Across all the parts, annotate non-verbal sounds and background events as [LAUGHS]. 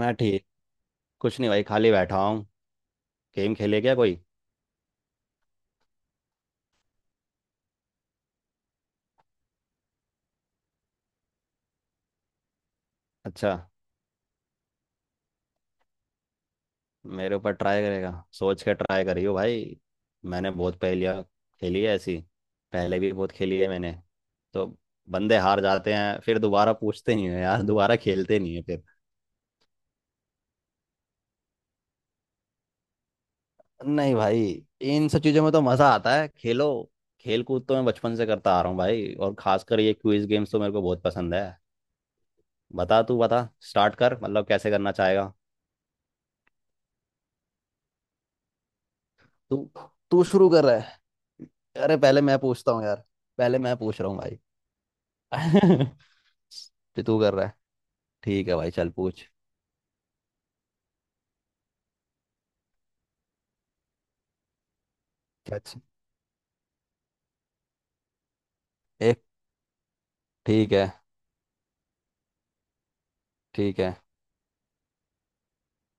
मैं ठीक। कुछ नहीं भाई, खाली बैठा हूँ। गेम खेले क्या कोई? अच्छा, मेरे ऊपर ट्राई करेगा? सोच के ट्राई करियो भाई। मैंने बहुत पहेलियाँ खेली है ऐसी। पहले भी बहुत खेली है मैंने। तो बंदे हार जाते हैं, फिर दोबारा पूछते नहीं है यार, दोबारा खेलते नहीं है फिर। नहीं भाई, इन सब चीज़ों में तो मज़ा आता है, खेलो। खेल कूद तो मैं बचपन से करता आ रहा हूँ भाई, और खासकर ये क्विज गेम्स तो मेरे को बहुत पसंद है। बता, तू बता, स्टार्ट कर, मतलब कैसे करना चाहेगा। तू तू शुरू कर रहा है? अरे पहले मैं पूछता हूँ यार। पहले मैं पूछ रहा हूँ भाई। [LAUGHS] तो तू कर रहा है? ठीक है भाई, चल पूछ। अच्छा। एक। ठीक है। ठीक है।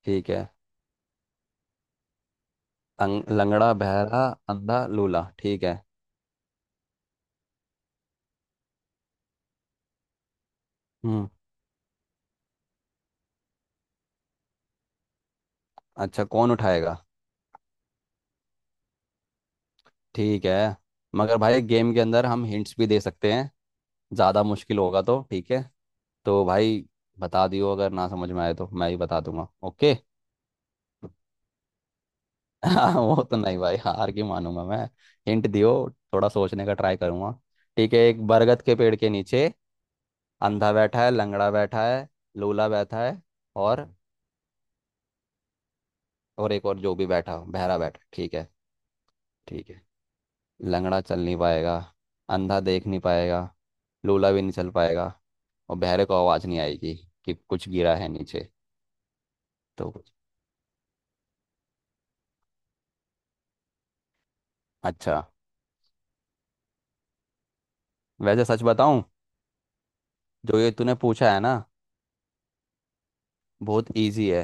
ठीक है। लंगड़ा, बहरा, अंधा, लूला, ठीक है। हम्म। अच्छा, कौन उठाएगा? ठीक है। मगर भाई गेम के अंदर हम हिंट्स भी दे सकते हैं, ज़्यादा मुश्किल होगा तो। ठीक है तो भाई, बता दियो, अगर ना समझ में आए तो मैं ही बता दूंगा, ओके। हाँ, वो तो नहीं भाई, हार की मानूंगा मैं। हिंट दियो, थोड़ा सोचने का ट्राई करूंगा। ठीक है, एक बरगद के पेड़ के नीचे अंधा बैठा है, लंगड़ा बैठा है, लूला बैठा है, और और एक और जो भी बैठा हो, बहरा बैठा है। ठीक है। ठीक है। लंगड़ा चल नहीं पाएगा, अंधा देख नहीं पाएगा, लूला भी नहीं चल पाएगा, और बहरे को आवाज़ नहीं आएगी कि कुछ गिरा है नीचे। तो कुछ। अच्छा, वैसे सच बताऊं, जो ये तूने पूछा है ना, बहुत इजी है।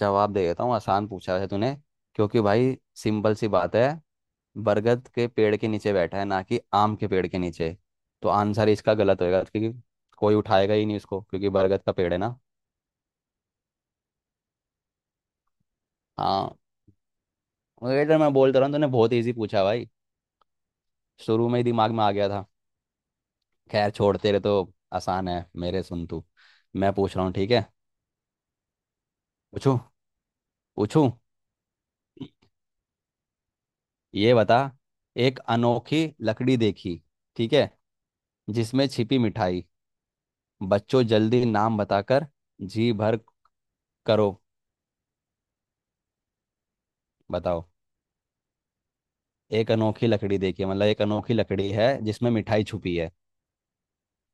जवाब दे देता हूँ, आसान पूछा है तूने। क्योंकि भाई सिंपल सी बात है, बरगद के पेड़ के नीचे बैठा है, ना कि आम के पेड़ के नीचे। तो आंसर इसका गलत होएगा, क्योंकि कोई उठाएगा ही नहीं उसको, क्योंकि बरगद का पेड़ है ना। हाँ, वही तो मैं बोलता रहा हूँ, तूने बहुत इजी पूछा भाई। शुरू में ही दिमाग में आ गया था। खैर छोड़, तेरे तो आसान है, मेरे सुन तू। मैं पूछ रहा हूँ, ठीक है। पूछू। पूछू। ये बता, एक अनोखी लकड़ी देखी, ठीक है, जिसमें छिपी मिठाई, बच्चों जल्दी नाम बताकर जी भर करो। बताओ, एक अनोखी लकड़ी देखिए, मतलब एक अनोखी लकड़ी है जिसमें मिठाई छुपी है।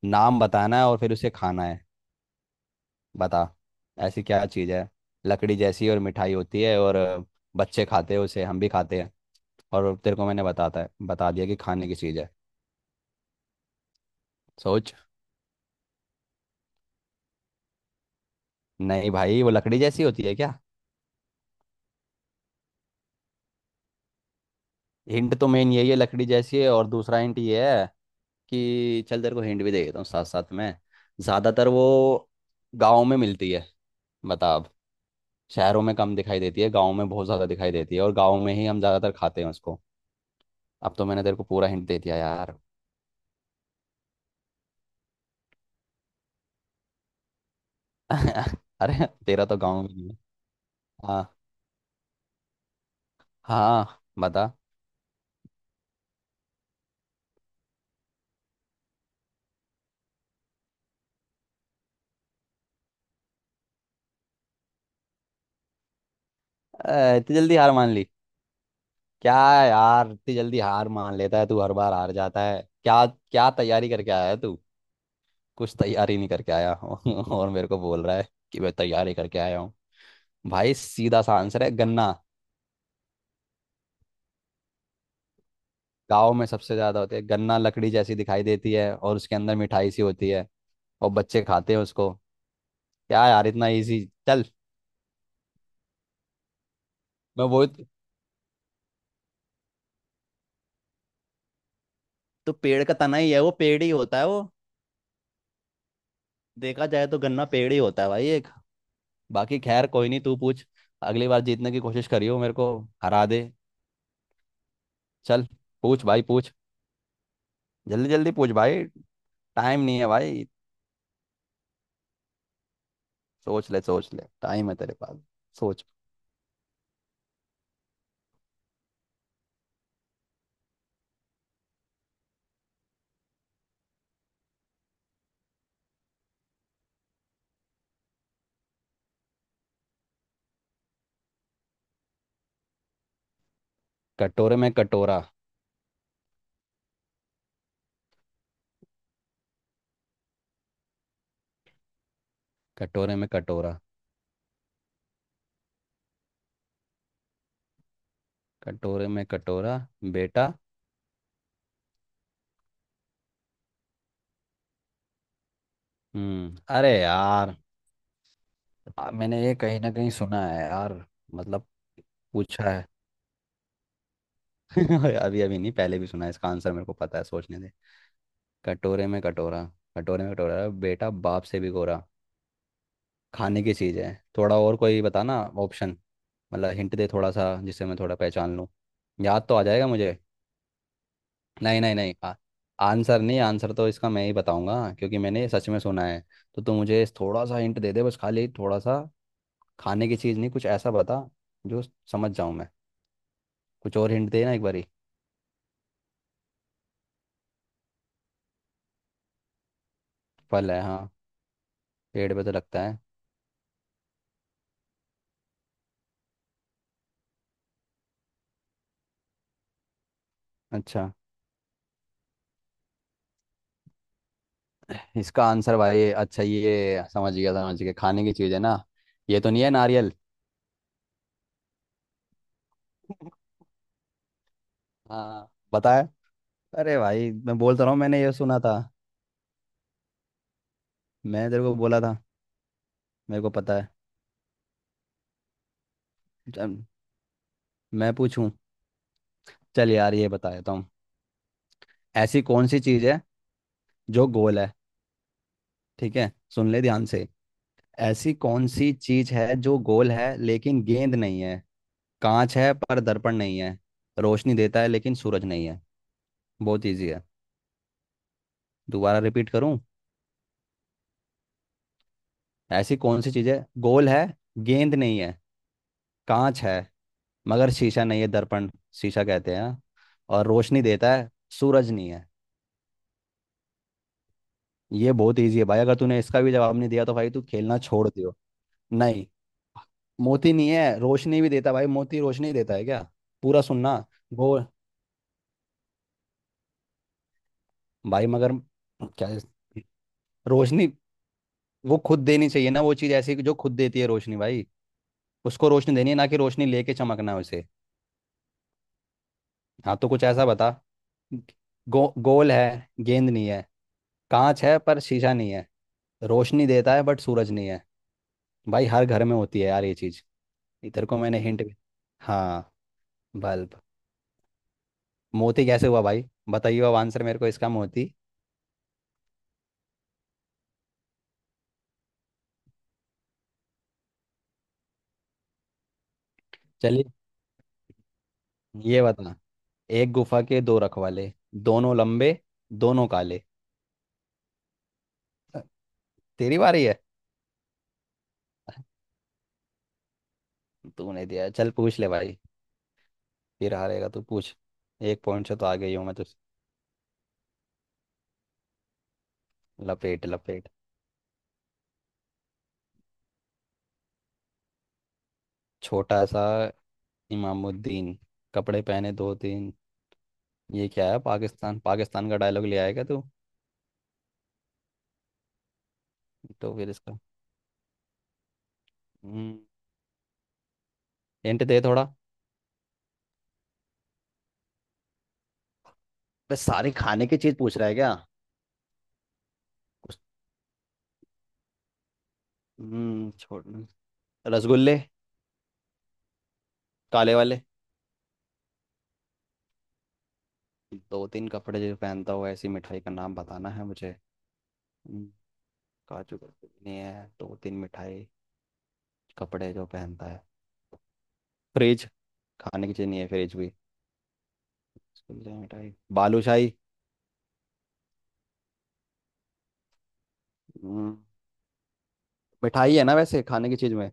नाम बताना है और फिर उसे खाना है। बता। ऐसी क्या चीज़ है? लकड़ी जैसी और मिठाई होती है, और बच्चे खाते हैं उसे, हम भी खाते हैं। और तेरे को मैंने बताता है, बता दिया कि खाने की चीज़ है। सोच। नहीं भाई, वो लकड़ी जैसी होती है क्या? हिंट तो मेन यही है, लकड़ी जैसी है, और दूसरा हिंट ये है कि चल तेरे को हिंट भी दे देता हूँ साथ साथ में। ज्यादातर वो गाँव में मिलती है। बता अब। शहरों में कम दिखाई देती है, गाँव में बहुत ज्यादा दिखाई देती है, और गाँव में ही हम ज्यादातर खाते हैं उसको। अब तो मैंने तेरे को पूरा हिंट दे दिया यार। [LAUGHS] अरे तेरा तो गाँव में ही है। हाँ। हाँ बता। ए, इतनी जल्दी हार मान ली क्या यार? इतनी जल्दी हार मान लेता है तू, हर बार हार जाता है, क्या क्या तैयारी करके आया है तू? कुछ तैयारी नहीं करके आया [LAUGHS] और मेरे को बोल रहा है कि मैं तैयारी करके आया हूँ। भाई सीधा सा आंसर है, गन्ना। गांव में सबसे ज्यादा होते हैं गन्ना, लकड़ी जैसी दिखाई देती है और उसके अंदर मिठाई सी होती है, और बच्चे खाते हैं उसको। क्या यार, इतना इजी। चल। मैं वो, तो पेड़ का तना ही है वो, पेड़ ही होता है वो। देखा जाए तो गन्ना पेड़ ही होता है भाई, एक। बाकी खैर कोई नहीं, तू पूछ। अगली बार जीतने की कोशिश करियो, मेरे को हरा दे। चल पूछ भाई पूछ। जल्दी जल्दी पूछ भाई। टाइम नहीं है भाई। सोच ले, सोच ले, टाइम है तेरे पास। सोच। कटोरे में कटोरा। कटोरे में कटोरा। कटोरे में कटोरा बेटा। अरे यार। मैंने ये कहीं ना कहीं सुना है यार, मतलब पूछा है। [LAUGHS] अभी अभी नहीं, पहले भी सुना है, इसका आंसर मेरे को पता है, सोचने दे। कटोरे में कटोरा। कटोरे में कटोरा बेटा बाप से भी गोरा। खाने की चीज़ है, थोड़ा और कोई बताना ऑप्शन। मतलब हिंट दे थोड़ा सा, जिससे मैं थोड़ा पहचान लूँ। याद तो आ जाएगा मुझे। नहीं, नहीं, नहीं आंसर नहीं, आंसर तो इसका मैं ही बताऊंगा क्योंकि मैंने सच में सुना है। तो तू मुझे थोड़ा सा हिंट दे दे, बस खाली थोड़ा सा। खाने की चीज़ नहीं, कुछ ऐसा बता जो समझ जाऊं मैं। कुछ और हिंट देना एक बारी। फल है, हाँ। पेड़ पे तो लगता है। अच्छा इसका आंसर भाई, अच्छा ये समझ गया समझ गया, खाने की चीज़ है ना? ये तो नहीं है नारियल? हाँ बताया। अरे भाई, मैं बोल तो रहा हूँ, मैंने ये सुना था। मैं तेरे को बोला था। मेरे को पता है। चल, मैं पूछूं। चल यार ये बता देता हूँ। ऐसी कौन सी चीज़ है जो गोल है? ठीक है, सुन ले ध्यान से। ऐसी कौन सी चीज़ है जो गोल है लेकिन गेंद नहीं है, कांच है पर दर्पण नहीं है, रोशनी देता है लेकिन सूरज नहीं है? बहुत इजी है। दोबारा रिपीट करूं? ऐसी कौन सी चीज है, गोल है, गेंद नहीं है, कांच है मगर शीशा नहीं है। दर्पण, शीशा कहते हैं। और रोशनी देता है, सूरज नहीं है। ये बहुत इजी है भाई, अगर तूने इसका भी जवाब नहीं दिया तो भाई तू खेलना छोड़ दियो। नहीं, मोती नहीं है, रोशनी भी देता है भाई, मोती रोशनी देता है क्या? पूरा सुनना। गोल। भाई मगर क्या रोशनी, वो खुद देनी चाहिए ना, वो चीज ऐसी कि जो खुद देती है रोशनी भाई। उसको रोशनी देनी है, ना कि रोशनी लेके चमकना है उसे। हाँ तो कुछ ऐसा बता। गोल है गेंद नहीं है, कांच है पर शीशा नहीं है, रोशनी देता है बट सूरज नहीं है। भाई हर घर में होती है यार ये चीज। इधर को मैंने हिंट भी। हाँ। बल्ब। मोती कैसे हुआ भाई? बताइए अब आंसर मेरे को इसका, मोती? चलिए, ये बता। एक गुफा के दो रखवाले, दोनों लंबे, दोनों काले। तेरी बारी है। तूने दिया, चल पूछ ले भाई। फिर हारेगा तू, पूछ। एक पॉइंट से तो आगे ही हूँ मैं तो। लपेट लपेट। छोटा सा इमामुद्दीन कपड़े पहने दो तीन? ये क्या है, पाकिस्तान पाकिस्तान का डायलॉग ले आएगा तू? तो फिर इसका। हम्म। हिंट दे थोड़ा। बस सारे खाने की चीज पूछ रहा है क्या? कुछ। छोड़। रसगुल्ले। काले वाले। दो तीन कपड़े जो पहनता हुआ, ऐसी मिठाई का नाम बताना है मुझे। हम्म, काजू बर्फी भी नहीं है, दो तीन मिठाई कपड़े जो पहनता है। फ्रिज। खाने की चीज नहीं है फ्रिज भी। रसगुल्ले, मिठाई, बालूशाही। हम्म, मिठाई है ना वैसे खाने की चीज में।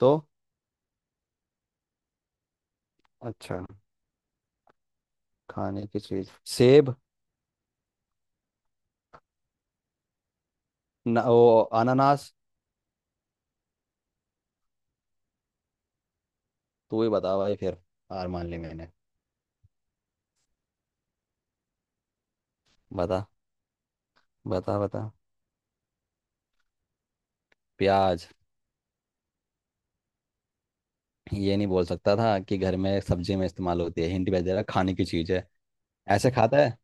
तो अच्छा, खाने की चीज, सेब? न, वो, अनानास? तू ही बता भाई फिर, हार मान ली मैंने। बता, बता, बता, प्याज? ये नहीं बोल सकता था कि घर में सब्जी में इस्तेमाल होती है, हिंट भेज दे रहा खाने की चीज है। ऐसे खाता है?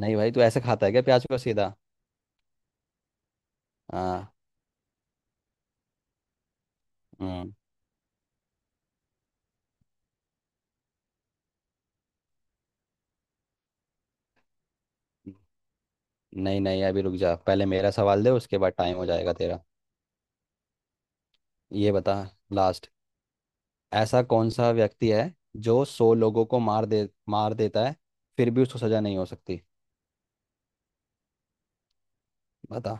नहीं भाई, तू ऐसे खाता है क्या प्याज को सीधा? हाँ। हम्म, नहीं नहीं अभी रुक जा, पहले मेरा सवाल दे, उसके बाद टाइम हो जाएगा तेरा। ये बता, लास्ट। ऐसा कौन सा व्यक्ति है जो 100 लोगों को मार दे, मार देता है, फिर भी उसको सजा नहीं हो सकती? बता।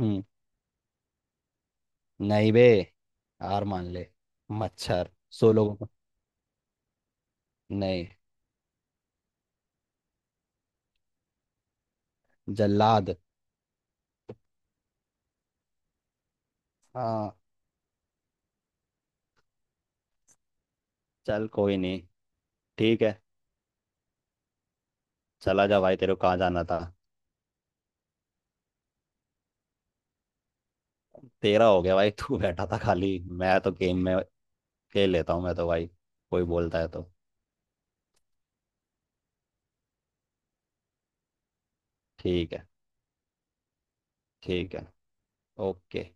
हम्म। नहीं बे, हार मान ले। मच्छर, 100 लोगों को, नहीं। जल्लाद। हाँ। चल कोई नहीं, ठीक है। चला जा भाई, तेरे को कहाँ जाना था। तेरा हो गया भाई, तू बैठा था खाली, मैं तो गेम में खेल लेता हूँ मैं तो भाई, कोई बोलता है तो। ठीक है। ठीक है। ओके।